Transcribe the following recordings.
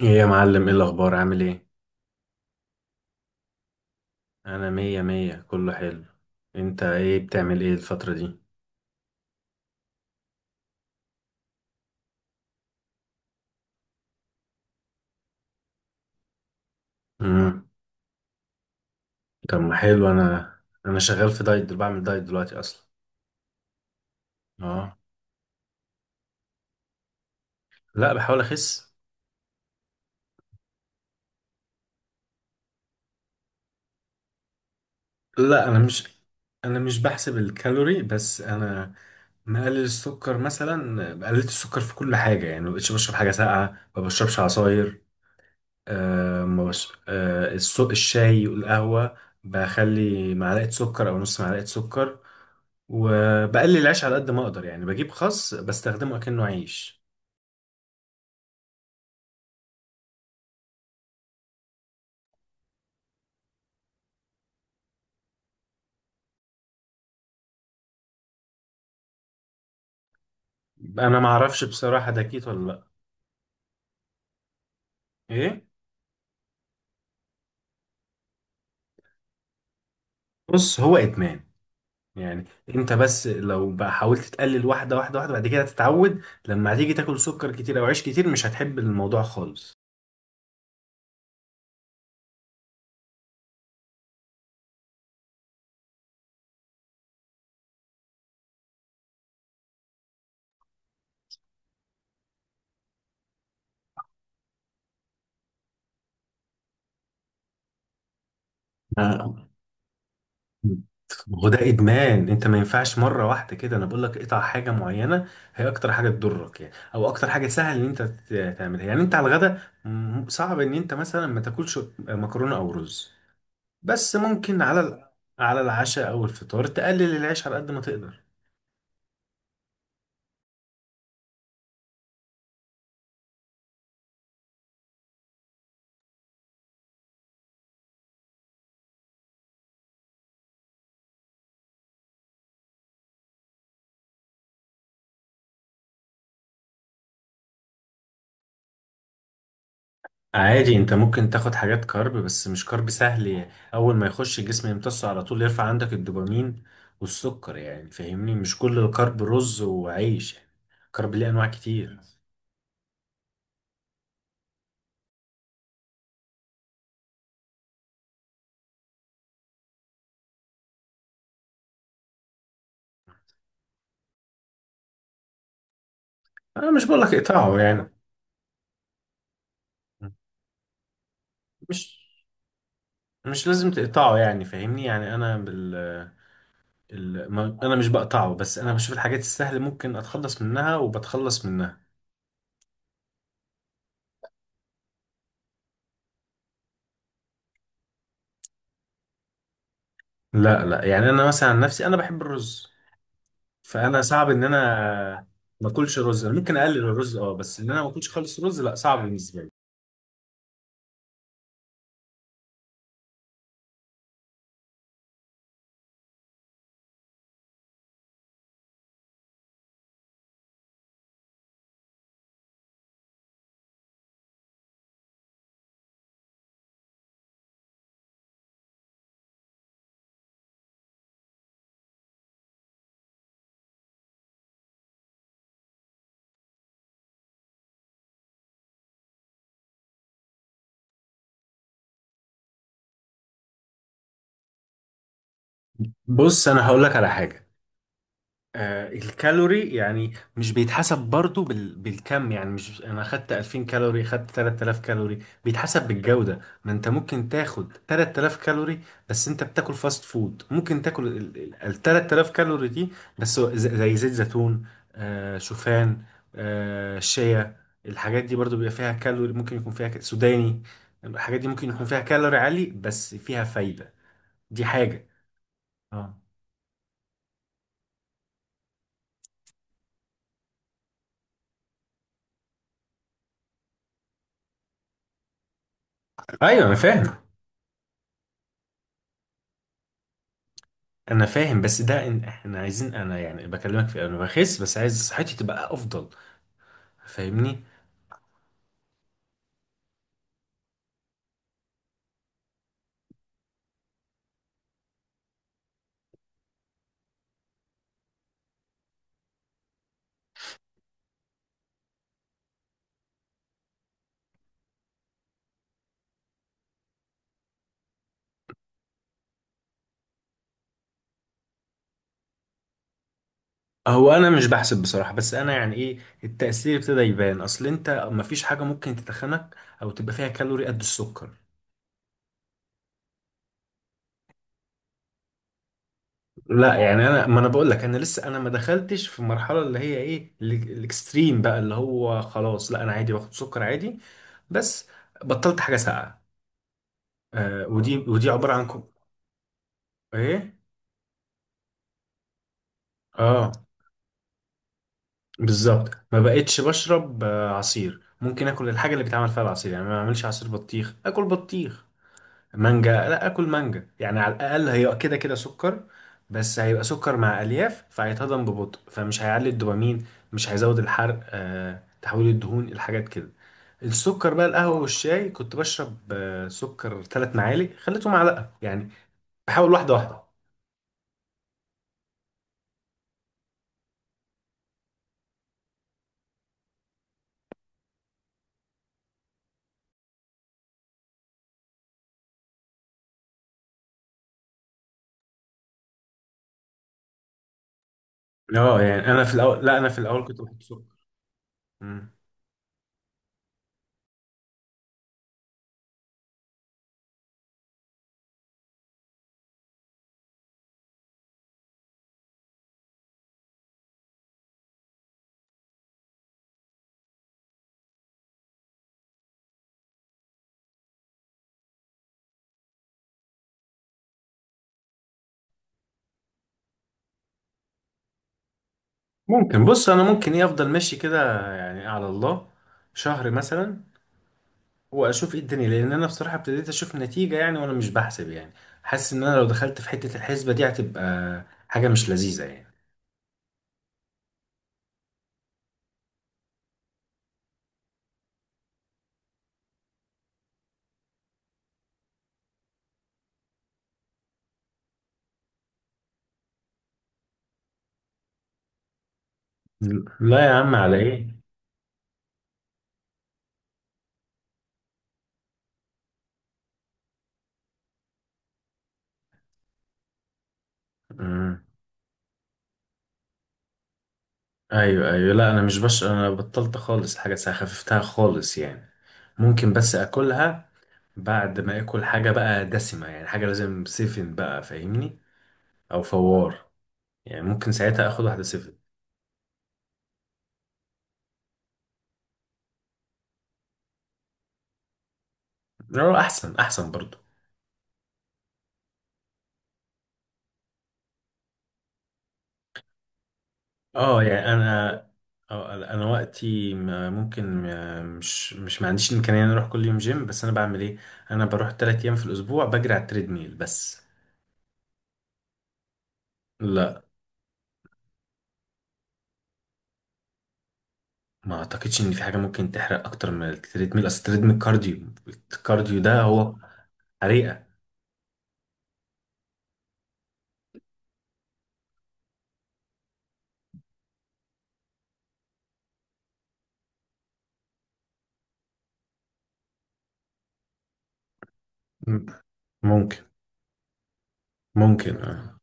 ايه يا معلم، ايه الاخبار؟ عامل ايه؟ انا مية مية، كله حلو. انت ايه بتعمل ايه الفترة دي؟ امم. طب ما حلو، انا شغال في دايت بعمل دايت دلوقتي اصلا. اه، لا بحاول اخس. لا، انا مش بحسب الكالوري، بس انا مقلل السكر، مثلا قللت السكر في كل حاجة يعني ما بقتش بشرب حاجة ساقعة، ما بشربش عصاير. ما بش... الشاي والقهوة. بخلي معلقة سكر او نص معلقة سكر. وبقلل العيش على قد ما اقدر، يعني بجيب خس بستخدمه اكنه عيش. انا ما اعرفش بصراحه ده كيتو ولا لا. ايه؟ بص، هو ادمان يعني. انت بس لو بقى حاولت تقلل واحده واحده واحده، بعد كده تتعود. لما هتيجي تاكل سكر كتير او عيش كتير مش هتحب الموضوع خالص. آه. هو ده ادمان، انت ما ينفعش مره واحده كده، انا بقول لك اقطع حاجه معينه. هي اكتر حاجه تضرك يعني، او اكتر حاجه سهل ان انت تعملها، يعني انت على الغدا صعب ان انت مثلا ما تاكلش مكرونه او رز. بس ممكن على على العشاء او الفطار تقلل العيش على قد ما تقدر. عادي، انت ممكن تاخد حاجات كارب بس مش كارب سهل يعني. اول ما يخش الجسم يمتصه على طول يرفع عندك الدوبامين والسكر، يعني فاهمني مش كل الكارب رز وعيش يعني. كارب ليه انواع كتير. انا مش بقولك اقطعه يعني، مش مش لازم تقطعه يعني فاهمني، يعني انا بال ال... ما... انا مش بقطعه بس انا بشوف الحاجات السهله ممكن اتخلص منها وبتخلص منها. لا، لا، يعني انا مثلا عن نفسي انا بحب الرز. فانا صعب ان انا ما اكلش رز، انا ممكن اقلل الرز اه، بس ان انا ما اكلش خالص رز لا صعب بالنسبه لي. بص، انا هقول لك على حاجه. الكالوري يعني مش بيتحسب برضو بالكم، يعني مش انا خدت 2000 كالوري خدت 3000 كالوري. بيتحسب بالجودة. ما انت ممكن تاخد 3000 كالوري بس انت بتاكل فاست فود، ممكن تاكل 3000 كالوري دي. بس زي زيت زيتون، شوفان، شيا. الحاجات دي برضو بيبقى فيها كالوري، ممكن يكون فيها سوداني. الحاجات دي ممكن يكون فيها كالوري عالي بس فيها فايدة. دي حاجة. اه. ايوه، انا فاهم. انا فاهم، بس ده إن احنا عايزين، انا يعني بكلمك في انا بخس بس عايز صحتي تبقى افضل. فاهمني. هو انا مش بحسب بصراحة، بس انا يعني ايه، التأثير ابتدى يبان، اصل انت مفيش حاجة ممكن تتخنك او تبقى فيها كالوري قد السكر. لا يعني انا، ما انا بقول لك، انا لسه انا ما دخلتش في المرحلة اللي هي ايه الاكستريم بقى، اللي هو خلاص لا، انا عادي باخد سكر عادي. بس بطلت حاجة ساقعة. ودي عبارة عن. ايه؟ اه، بالظبط ما بقتش بشرب عصير، ممكن اكل الحاجه اللي بيتعمل فيها العصير، يعني ما اعملش عصير بطيخ، اكل بطيخ. مانجا، لا اكل مانجا، يعني على الاقل هي كده كده سكر. بس هيبقى سكر مع الياف فهيتهضم ببطء فمش هيعلي الدوبامين، مش هيزود الحرق تحويل الدهون الحاجات كده. السكر بقى، القهوه والشاي كنت بشرب سكر 3 معالق خليته معلقه يعني. بحاول واحده واحده. اه، يعني انا في الاول، لا انا في الاول كنت بحط سكر. مم. ممكن، بص انا ممكن ايه افضل ماشي كده يعني على الله، شهر مثلا، واشوف ايه الدنيا، لان انا بصراحه ابتديت اشوف نتيجه يعني وانا مش بحسب يعني. حاسس ان انا لو دخلت في حته الحسبه دي هتبقى حاجه مش لذيذه يعني. لا يا عم، على ايه. مم. ايوه، ايوه، لا انا مش انا بطلت خالص حاجه ساعه، خففتها خالص يعني. ممكن بس اكلها بعد ما اكل حاجه بقى دسمه، يعني حاجه لازم سيفن بقى فاهمني. او فوار، يعني ممكن ساعتها اخد واحده سيفن. لا، احسن احسن برضو. اه يعني انا اه انا وقتي ما- ممكن ما- مش ما عنديش الامكانيه ان أنا اروح كل يوم جيم، بس انا بعمل ايه. انا بروح 3 ايام في الاسبوع بجري على التريدميل بس. لا. ما اعتقدش ان في حاجه ممكن تحرق اكتر من التريدميل، اصل التريدميل كارديو. الكارديو ده هو حريقه. م- ممكن. ممكن، اه.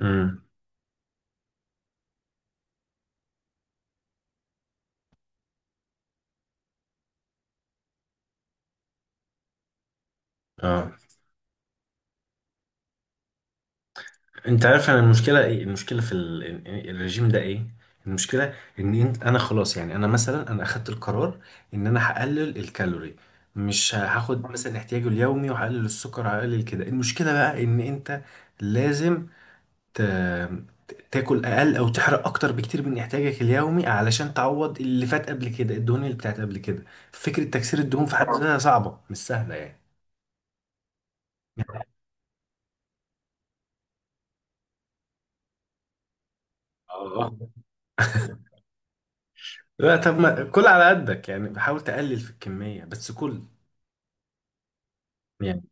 امم. اه، انت عارف، انا المشكله ايه، المشكله في الرجيم ده ايه. المشكله ان انت انا خلاص يعني، انا مثلا، انا اخدت القرار ان انا هقلل الكالوري، مش هاخد مثلا احتياجي اليومي، وهقلل السكر، هقلل كده، المشكله بقى ان انت لازم ت... تاكل اقل او تحرق اكتر بكتير من احتياجك اليومي، علشان تعوض اللي فات قبل كده، الدهون اللي بتاعت قبل كده. فكره تكسير الدهون في حد ذاتها صعبه مش سهله يعني. اه. لا، طب ما كل على قدك يعني، حاول تقلل في الكميه بس كل. يعني.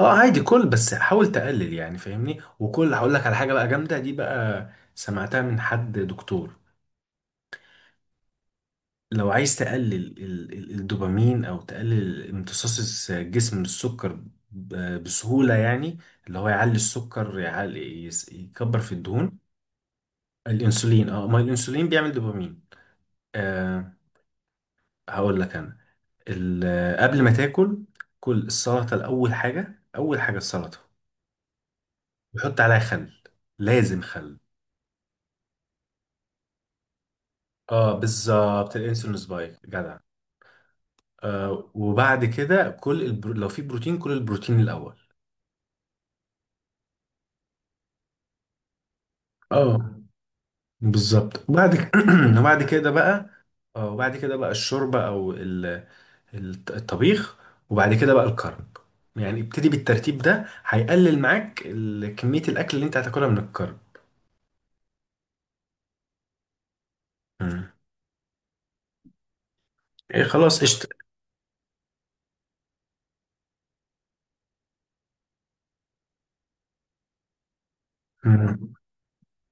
اه، عادي كل بس حاول تقلل يعني فاهمني، وكل، هقول لك على حاجه بقى جامده دي بقى، سمعتها من حد دكتور. لو عايز تقلل الدوبامين او تقلل امتصاص الجسم من السكر بسهوله يعني، اللي هو يعلي السكر، يعلي يكبر في الدهون. الانسولين اه، ما الانسولين بيعمل دوبامين. آه. هقول لك انا قبل ما تاكل، كل السلطه الاول، حاجه اول حاجه السلطه، وحط عليها خل. لازم خل. اه بالظبط، الانسولين سبايك جدع. آه، وبعد كده كل لو في بروتين، كل البروتين الاول. اه بالظبط، وبعد كده بقى، اه، وبعد كده بقى الشوربه او الطبيخ، وبعد كده بقى الكرب. يعني ابتدي بالترتيب ده، هيقلل معاك كميه الاكل اللي انت هتاكلها من الكرب. مم. ايه خلاص قشطه. مم.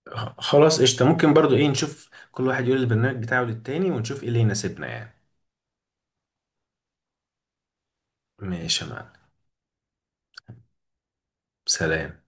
خلاص قشطه، ممكن برضو ايه، نشوف كل واحد يقول البرنامج بتاعه للتاني، ونشوف ايه اللي يناسبنا يعني. ماشي يا معلم، سلام.